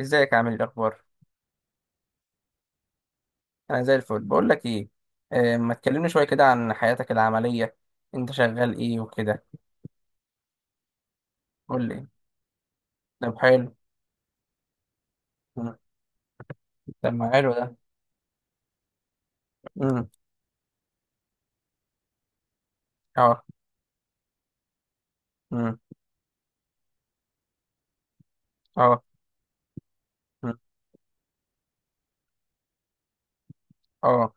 ازيك؟ عامل ايه؟ الاخبار؟ انا زي الفل. بقول لك ايه، آه، ما تكلمني شويه كده عن حياتك العمليه. انت شغال ايه وكده؟ قول لي. طب حلو. مم. طب ما حلو ده. امم. اه. امم. اه. مم. اه.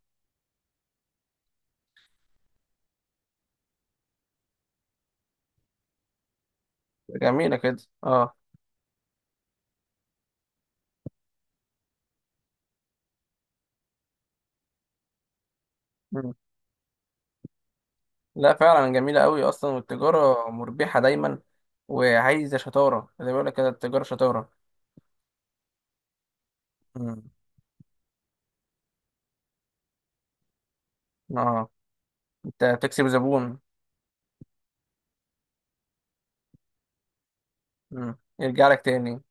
جميله كده. اه. مم. لا فعلا جميله قوي اصلا، والتجاره مربحه دايما، وعايزه شطاره. زي ما بيقول لك كده، التجاره شطاره. امم. اه. انت تكسب زبون. امم. يرجع لك تاني.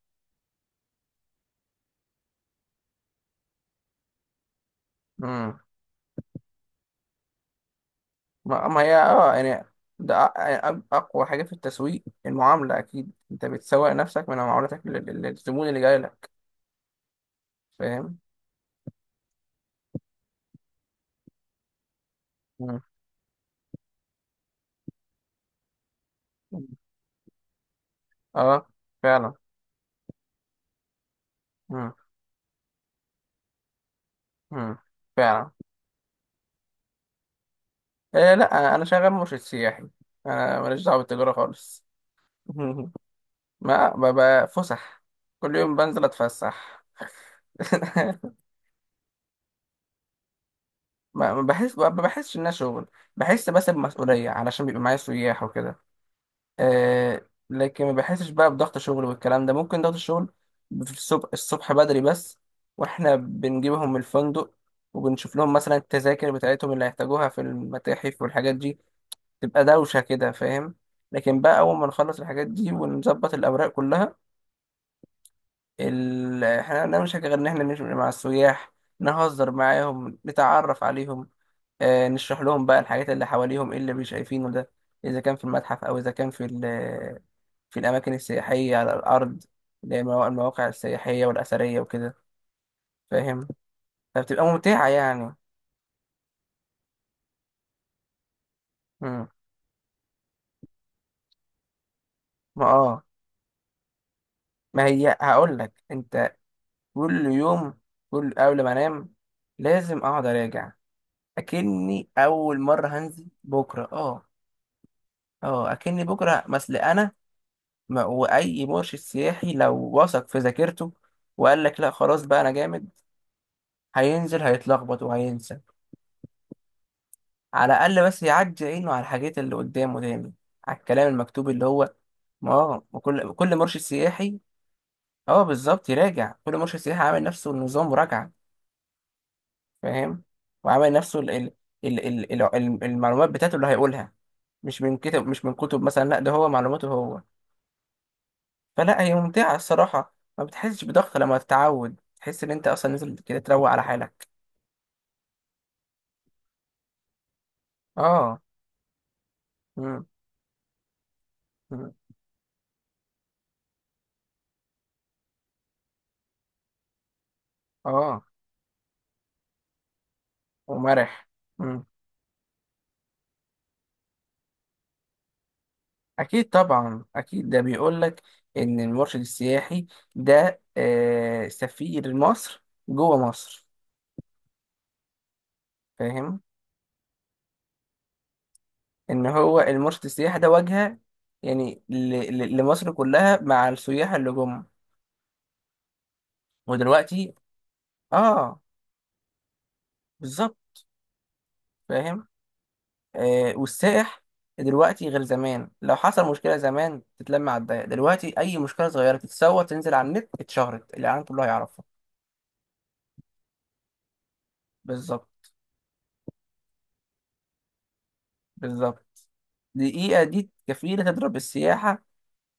ما هي اه يعني، ده اقوى حاجه في التسويق المعامله. اكيد انت بتسوق نفسك من معاملتك للزبون اللي جاي لك. فاهم؟ مم. اه فعلا. مم. مم. فعلا. آه لا، انا شغال مرشد سياحي. انا ماليش دعوه بالتجاره خالص. ما ببقى فسح. كل يوم بنزل اتفسح. ما بحسش انها شغل. بحس بس بمسؤوليه علشان بيبقى معايا سياح وكده. آه لكن ما بحسش بقى بضغط شغل، والكلام ده ممكن ضغط الشغل. في الصبح، بدري بس، واحنا بنجيبهم من الفندق، وبنشوف لهم مثلا التذاكر بتاعتهم اللي هيحتاجوها في المتاحف والحاجات دي. تبقى دوشة كده، فاهم؟ لكن بقى أول ما نخلص الحاجات دي ونظبط الأوراق كلها، احنا عندنا مش غير إن احنا نمشي مع السياح، نهزر معاهم، نتعرف عليهم. آه، نشرح لهم بقى الحاجات اللي حواليهم، ايه اللي مش شايفينه ده، إذا كان في المتحف أو إذا كان في ال، في الأماكن السياحية على الأرض، اللي هي المواقع السياحية والأثرية وكده. فاهم؟ فبتبقى ممتعة يعني. مم. ما اه. ما هي هقول لك أنت، كل يوم، قبل ما أنام لازم أقعد أراجع، أكني أول مرة هنزل بكرة. اه. اه أكني بكرة مثل أنا. ما وأي مرشد سياحي لو وثق في ذاكرته وقال لك لا خلاص بقى أنا جامد، هينزل هيتلخبط وهينسى. على الأقل بس يعدي عينه على الحاجات اللي قدامه دايما، على الكلام المكتوب اللي هو. ما هو وكل مرشد سياحي، اه بالظبط، يراجع. كل مرشد سياحي عامل نفسه النظام مراجعة. فاهم؟ وعامل نفسه المعلومات بتاعته اللي هيقولها. مش من كتب مثلا، لا ده هو معلوماته هو. فلا، هي ممتعة الصراحة. ما بتحسش بضغط لما تتعود، تحس ان انت اصلا نازل كده تروق على حالك. اه. مم. مم. اه. ومرح. إمم. أكيد طبعا، أكيد. ده بيقول لك إن المرشد السياحي ده سفير مصر جوه مصر. فاهم؟ إن هو المرشد السياحي ده واجهة يعني لمصر كلها مع السياح اللي جم. ودلوقتي، آه، بالظبط. فاهم؟ آه، والسائح دلوقتي غير زمان. لو حصل مشكلة زمان تتلم على الضيق، دلوقتي أي مشكلة صغيرة تتصور، تنزل على النت، اتشهرت، العالم كله هيعرفها. بالظبط. بالظبط. دقيقة دي كفيلة تضرب السياحة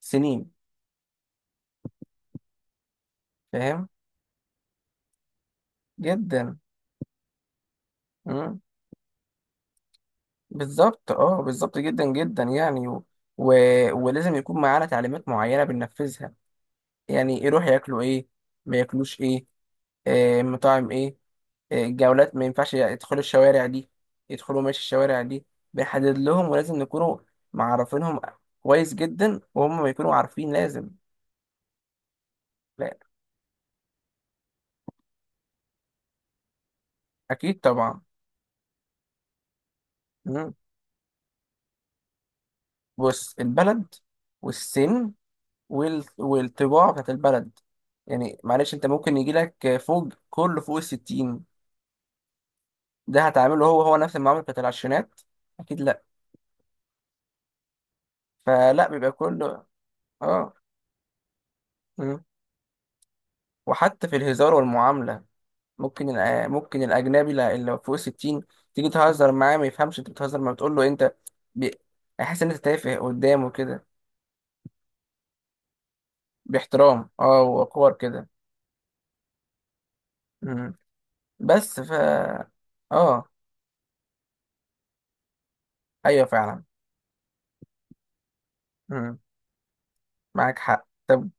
سنين. فاهم؟ جدا. مم. بالظبط، اه بالظبط جدا جدا يعني. و... و... ولازم يكون معانا تعليمات معينة بننفذها. يعني يروح ياكلوا ايه، ما ياكلوش ايه، آه مطاعم ايه، آه الجولات ما ينفعش يدخلوا الشوارع دي، يدخلوا ماشي الشوارع دي، بنحدد لهم. ولازم نكونوا معرفينهم كويس جدا، وهم ما يكونوا عارفين لازم. لا، اكيد طبعا. مم. بص، البلد والسن والطباع بتاعت البلد. يعني معلش، انت ممكن يجي لك فوق، كله فوق الستين، ده هتعمله هو هو نفس المعاملة بتاعت العشرينات؟ أكيد لأ. فلا، بيبقى كله اه. مم. وحتى في الهزار والمعاملة، ممكن الأجنبي اللي فوق الستين، تيجي تهزر معاه ما يفهمش انت بتهزر، ما بتقول له انت بي... هيحس ان انت تافه قدامه كده. باحترام، اه، وقور كده. مم. بس ف، اه. ايوه فعلا. مم. معاك حق. طب.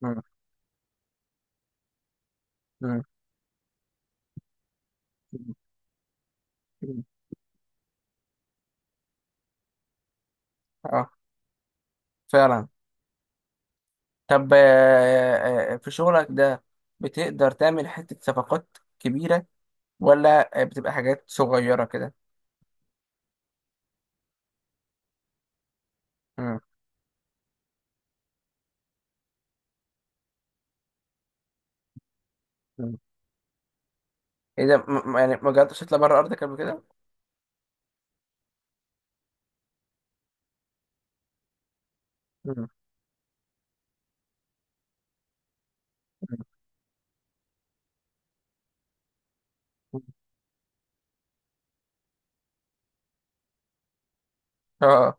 مم. مم. مم. اه فعلا. طب في شغلك ده بتقدر تعمل حتة صفقات كبيرة، ولا بتبقى حاجات صغيرة كده؟ مم. مم. ايه ده يعني ما جربتش تطلع بره ارضك قبل كده؟ مم. مم. مم. اه.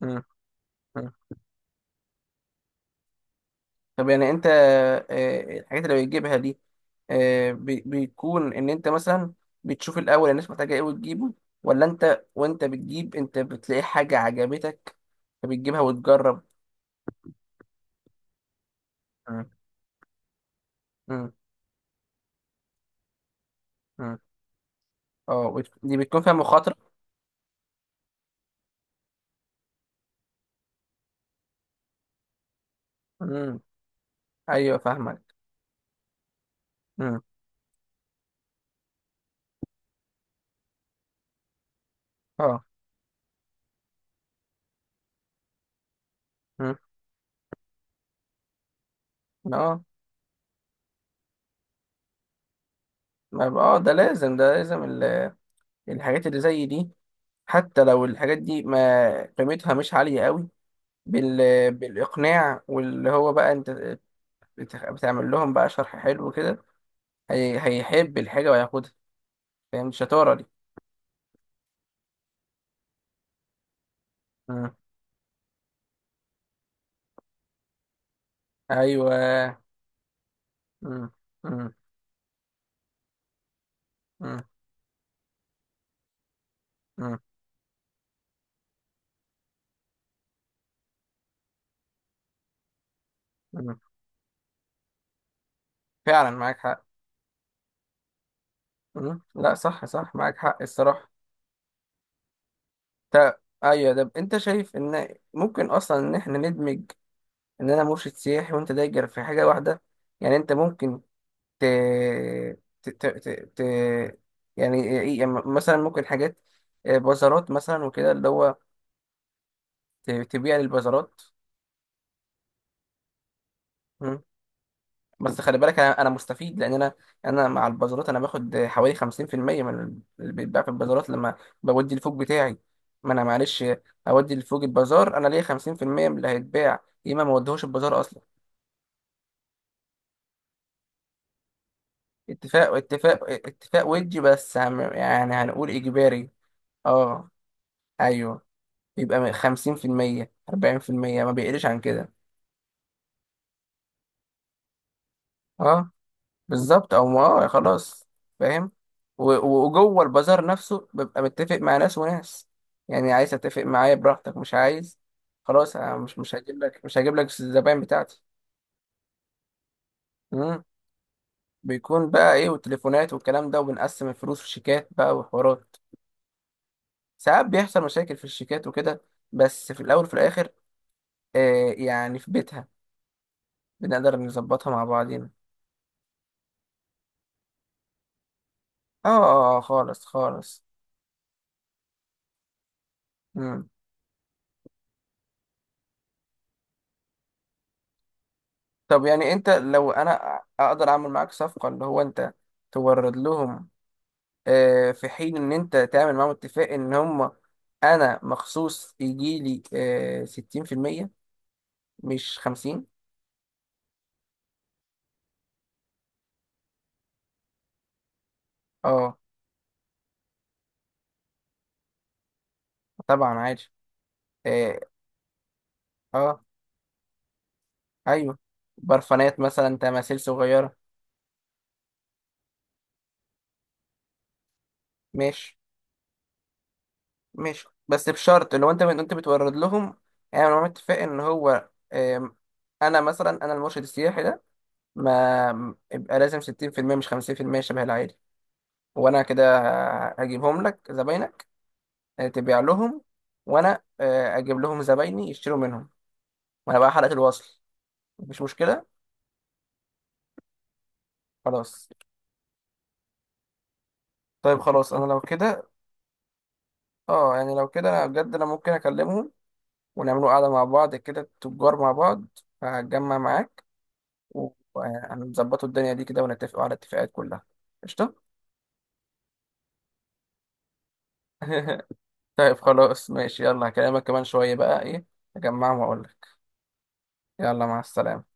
مم. مم. طب يعني انت الحاجات اللي بتجيبها دي، بيكون ان انت مثلا بتشوف الاول الناس محتاجة ايه وتجيبه، ولا انت وانت بتجيب انت بتلاقي حاجة عجبتك فبتجيبها وتجرب؟ مم. مم. مم. اه، دي بتكون فيها مخاطرة. مم. ايوه فاهمك. مم. اه. مم. اه. ما اه، ده لازم، الحاجات اللي زي دي، حتى لو الحاجات دي ما قيمتها مش عالية قوي، بال... بالإقناع واللي هو بقى انت بتعمل لهم بقى شرح حلو كده، هيحب الحاجة وياخدها. فاهم الشطارة دي؟ مم. ايوه. مم. مم. مم. مم. مم. فعلا، معاك حق. مم. لا، صح صح، معاك حق الصراحة. تا... ايوه، ده انت شايف ان ممكن اصلا ان احنا ندمج، ان انا مرشد سياحي وانت دايجر، في حاجة واحدة. يعني انت ممكن ت... ت... ت... ت... ت... يعني يعني مثلا ممكن حاجات، آه، بازارات مثلا وكده اللي هو تبيع للبازارات. بس خلي بالك، انا مستفيد. لان انا مع البازارات، انا باخد حوالي 50% من اللي بيتباع في البازارات لما بودي الفوق بتاعي. ما انا معلش، اودي الفوق البازار انا ليا 50% من اللي هيتباع، يا اما ما اوديهوش البازار اصلا. اتفاق، ودي بس يعني هنقول اجباري. اه. ايوه. يبقى 50%، 40%، ما بيقلش عن كده. اه بالظبط. او ما خلاص. فاهم؟ وجوه البازار نفسه ببقى متفق مع ناس وناس. يعني عايز اتفق معايا براحتك، مش عايز خلاص، انا مش هجيب لك، الزباين بتاعتي. امم. بيكون بقى ايه والتليفونات والكلام ده، وبنقسم الفلوس في شيكات بقى وحوارات. ساعات بيحصل مشاكل في الشيكات وكده، بس في الاول وفي الاخر آه يعني في بيتها بنقدر نظبطها مع بعضينا. اه. آه، آه، خالص خالص. مم. طب يعني انت، لو انا اقدر اعمل معاك صفقة، اللي هو انت تورد لهم، في حين ان انت تعمل معاهم اتفاق ان هم انا مخصوص يجي لي 60%، مش 50%. اه. طبعا عادي. اه. آه. ايوه، برفانات مثلا، تماثيل صغيرة. ماشي. ماشي بس بشرط، لو انت، بتورد لهم، اعمل معاهم اتفاق ان هو انا مثلا، انا المرشد السياحي ده، ما يبقى لازم 60% مش 50% شبه العادي. وانا كده هجيبهم لك زباينك، آه، تبيع لهم، وانا اجيب لهم زبايني يشتروا منهم. وانا بقى حلقة الوصل. مفيش مشكلة. خلاص. طيب خلاص انا لو كده، اه يعني لو كده انا بجد، انا ممكن اكلمهم، ونعملوا قعدة مع بعض كده، تجار مع بعض، هتجمع معاك، وهنظبطوا الدنيا دي كده، ونتفقوا على الاتفاقات كلها. قشطة. طيب خلاص ماشي، يلا هكلمك كمان شوية بقى ايه، اجمعهم واقول لك. يلا، مع السلامة.